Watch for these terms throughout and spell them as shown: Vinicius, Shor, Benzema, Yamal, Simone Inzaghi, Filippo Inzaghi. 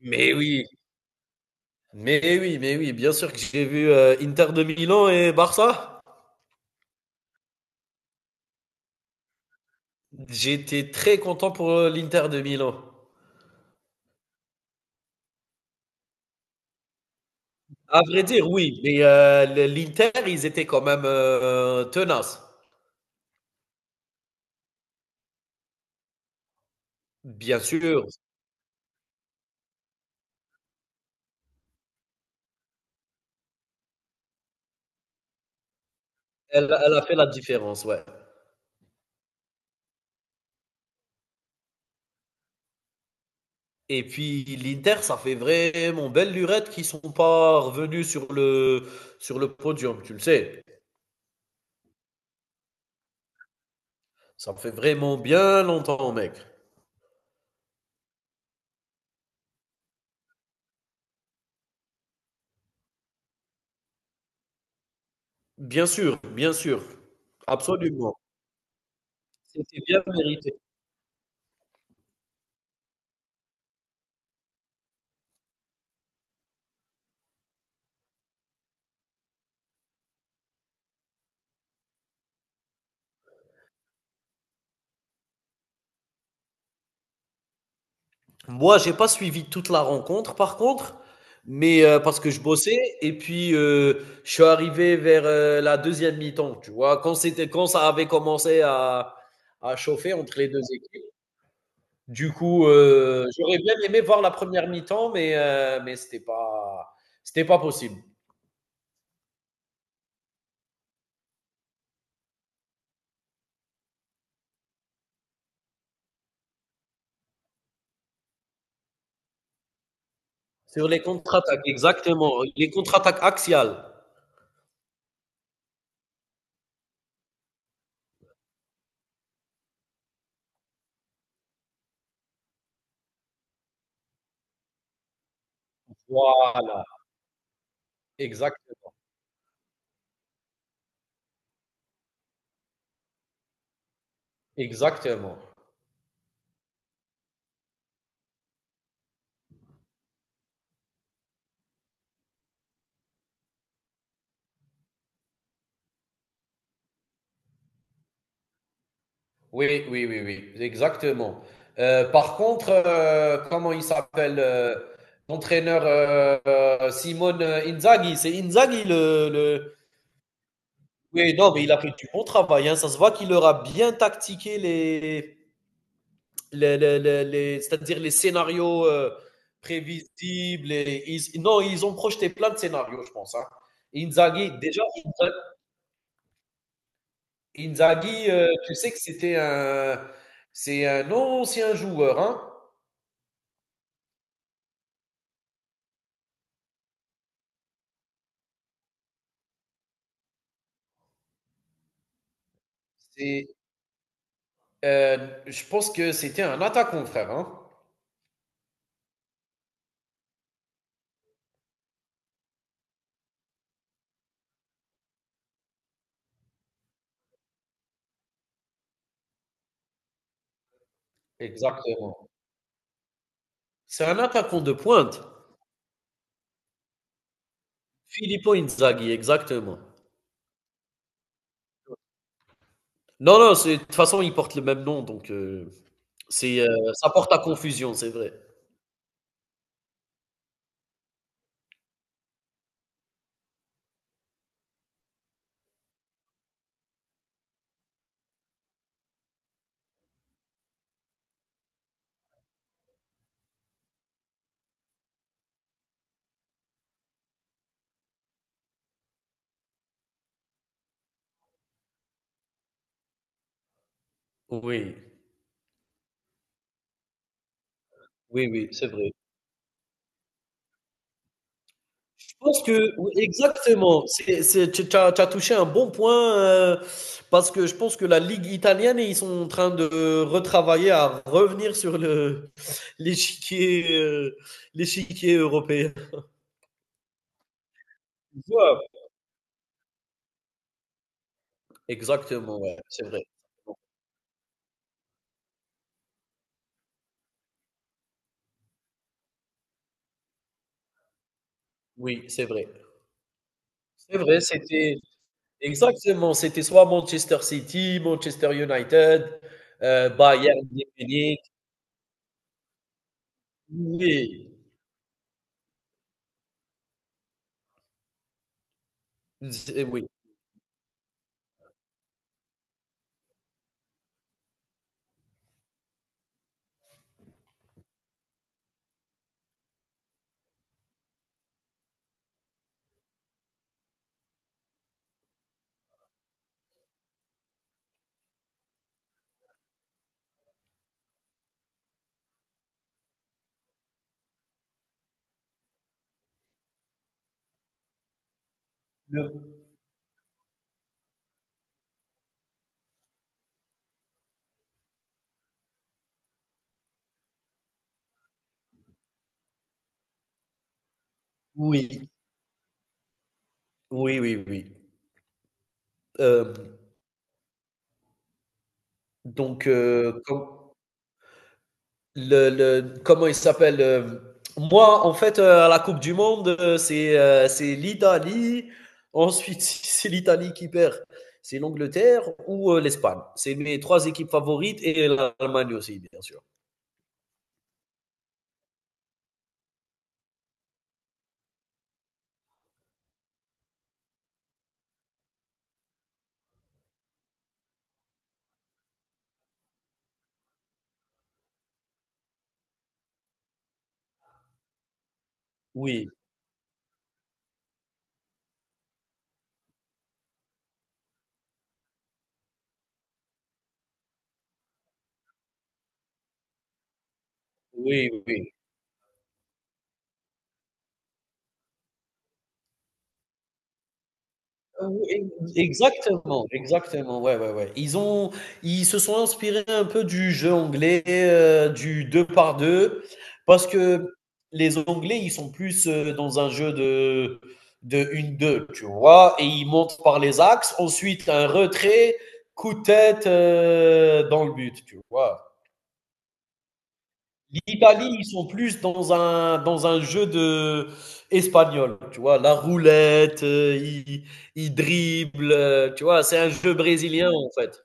Mais oui. Mais oui, mais oui, bien sûr que j'ai vu Inter de Milan et Barça. J'étais très content pour l'Inter de Milan. À vrai dire, oui, mais l'Inter, ils étaient quand même tenaces. Bien sûr, elle a fait la différence, ouais. Et puis l'Inter, ça fait vraiment belle lurette qu'ils sont pas revenus sur sur le podium, tu le sais. Ça fait vraiment bien longtemps, mec. Bien sûr, absolument. C'était bien mérité. Moi, j'ai pas suivi toute la rencontre par contre, mais parce que je bossais et puis, je suis arrivé vers, la deuxième mi-temps, tu vois? Quand c'était quand ça avait commencé à chauffer entre les 2 équipes. Du coup, j'aurais bien aimé voir la première mi-temps, mais mais c'était pas possible. Sur les contre-attaques, exactement, les contre-attaques axiales. Voilà, exactement, exactement. Oui, oui, oui, oui, exactement. Par contre, comment il s'appelle l'entraîneur Simone Inzaghi? C'est Inzaghi Oui, non, mais il a fait du bon travail, hein. Ça se voit qu'il leur a bien tactiqué c'est-à-dire les scénarios prévisibles. Et non, ils ont projeté plein de scénarios, je pense, hein. Inzaghi, déjà, Inza- Inzaghi, tu sais que c'est un ancien joueur, hein. C'est Heu, je pense que c'était un attaquant, frère, hein? Exactement. C'est un attaquant de pointe. Filippo Inzaghi, exactement. Non, non, c'est de toute façon, ils portent le même nom, donc c'est, heu, ça porte à confusion, c'est vrai. Oui. Oui, oui, c'est vrai. Je pense que oui, exactement, tu tu as touché un bon point parce que je pense que la Ligue italienne, ils sont en train de retravailler à revenir sur l'échiquier, euh, l'échiquier européen. Ouais, exactement, ouais, c'est vrai. Oui, c'est vrai. C'est vrai, c'était exactement, c'était soit Manchester City, Manchester United, Bayern de Munich. Oui, oui, Le- oui, oui, oui, oui. Euh, Donc, com le comment il s'appelle? Moi, en fait, à la coupe du monde, c'est l'Italie, ensuite, c'est l'Italie qui perd, c'est l'Angleterre ou, l'Espagne. C'est mes 3 équipes favorites et l'Allemagne aussi, bien sûr. Oui, oui, oui. Oui, exactement, exactement, ouais, ouais, ouais. Ils se sont inspirés un peu du jeu anglais, du 2 par 2, parce que les Anglais, ils sont plus, dans un jeu de une deux, tu vois? Et ils montent par les axes, ensuite un retrait, coup de tête, dans le but, tu vois? L'Italie, ils sont plus dans dans un jeu de espagnol, tu vois, la roulette, ils dribblent, tu vois, c'est un jeu brésilien en fait.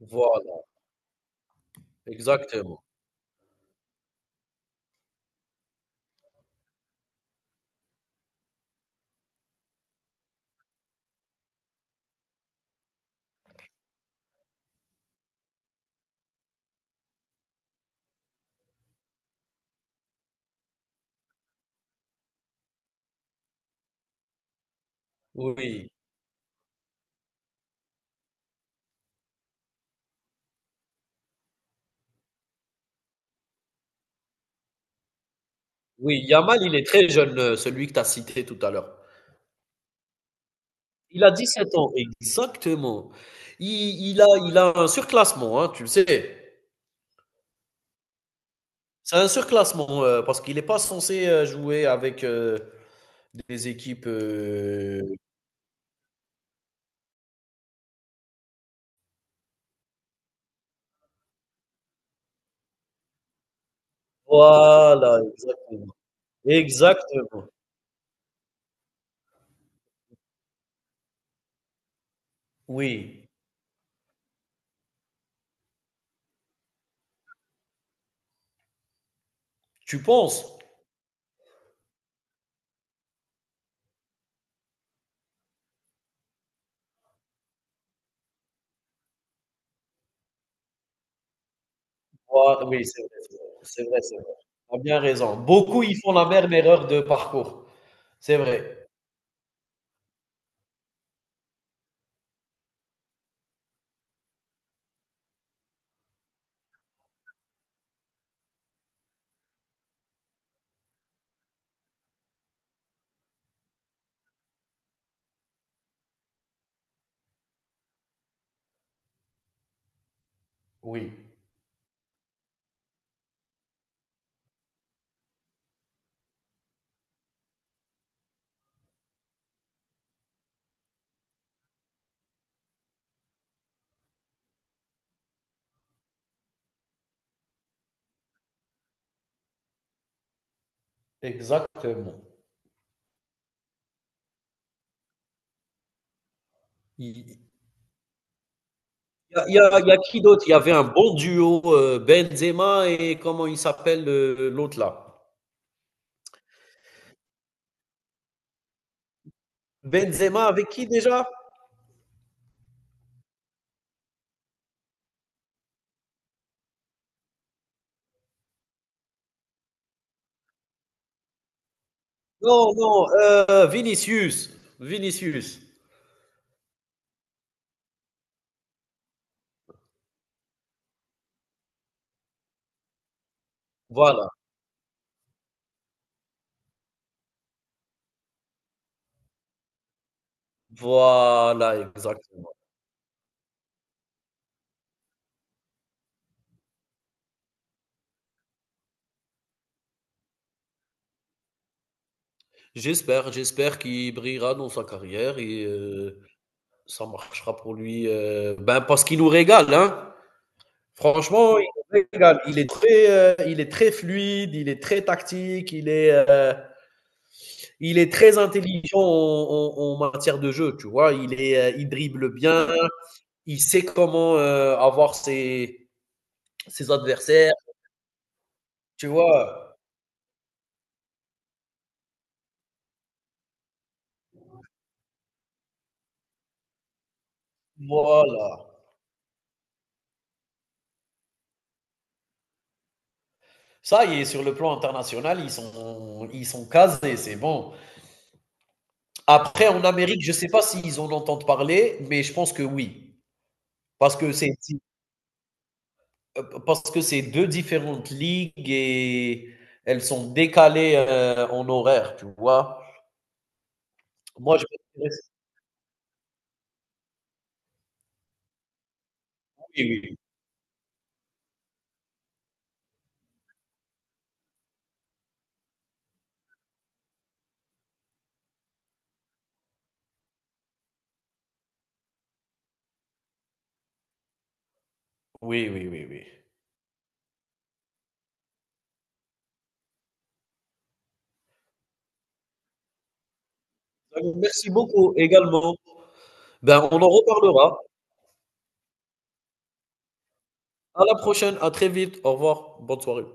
Voilà, exactement. Oui, oui, Yamal, il est très jeune, celui que tu as cité tout à l'heure. Il a 17 ans, exactement. Il, il a un surclassement, hein, tu le sais. C'est un surclassement parce qu'il n'est pas censé jouer avec des équipes. Voilà, exactement. Exactement. Oui, tu penses? Voi oui, c'est vrai, c'est vrai. C'est vrai, tu as bien raison. Beaucoup, ils font la même erreur de parcours. C'est vrai. Oui, exactement. Il il y a il y a qui d'autre? Il y avait un bon duo, Benzema et comment il s'appelle le l'autre là? Benzema avec qui déjà? Non, non, Vinicius. Vinicius. Voilà, voilà, exactement. J'espère, j'espère qu'il brillera dans sa carrière et ça marchera pour lui. Ben parce qu'il nous régale, hein. Franchement, il nous régale. Il est très fluide, il est très tactique, il est très intelligent en, en matière de jeu. Tu vois, il est, il dribble bien, il sait comment avoir ses adversaires. Tu vois, voilà. Ça, il est sur le plan international, ils sont casés, c'est bon. Après, en Amérique, je ne sais pas s'ils en entendent parler, mais je pense que oui. Parce que c'est parce que c'est deux différentes ligues et elles sont décalées en horaire, tu vois. Moi, je m'intéresse- Oui, oui, oui, oui, oui, oui. Donc, merci beaucoup également. Ben, on en reparlera. À la prochaine, à très vite. Au revoir. Bonne soirée.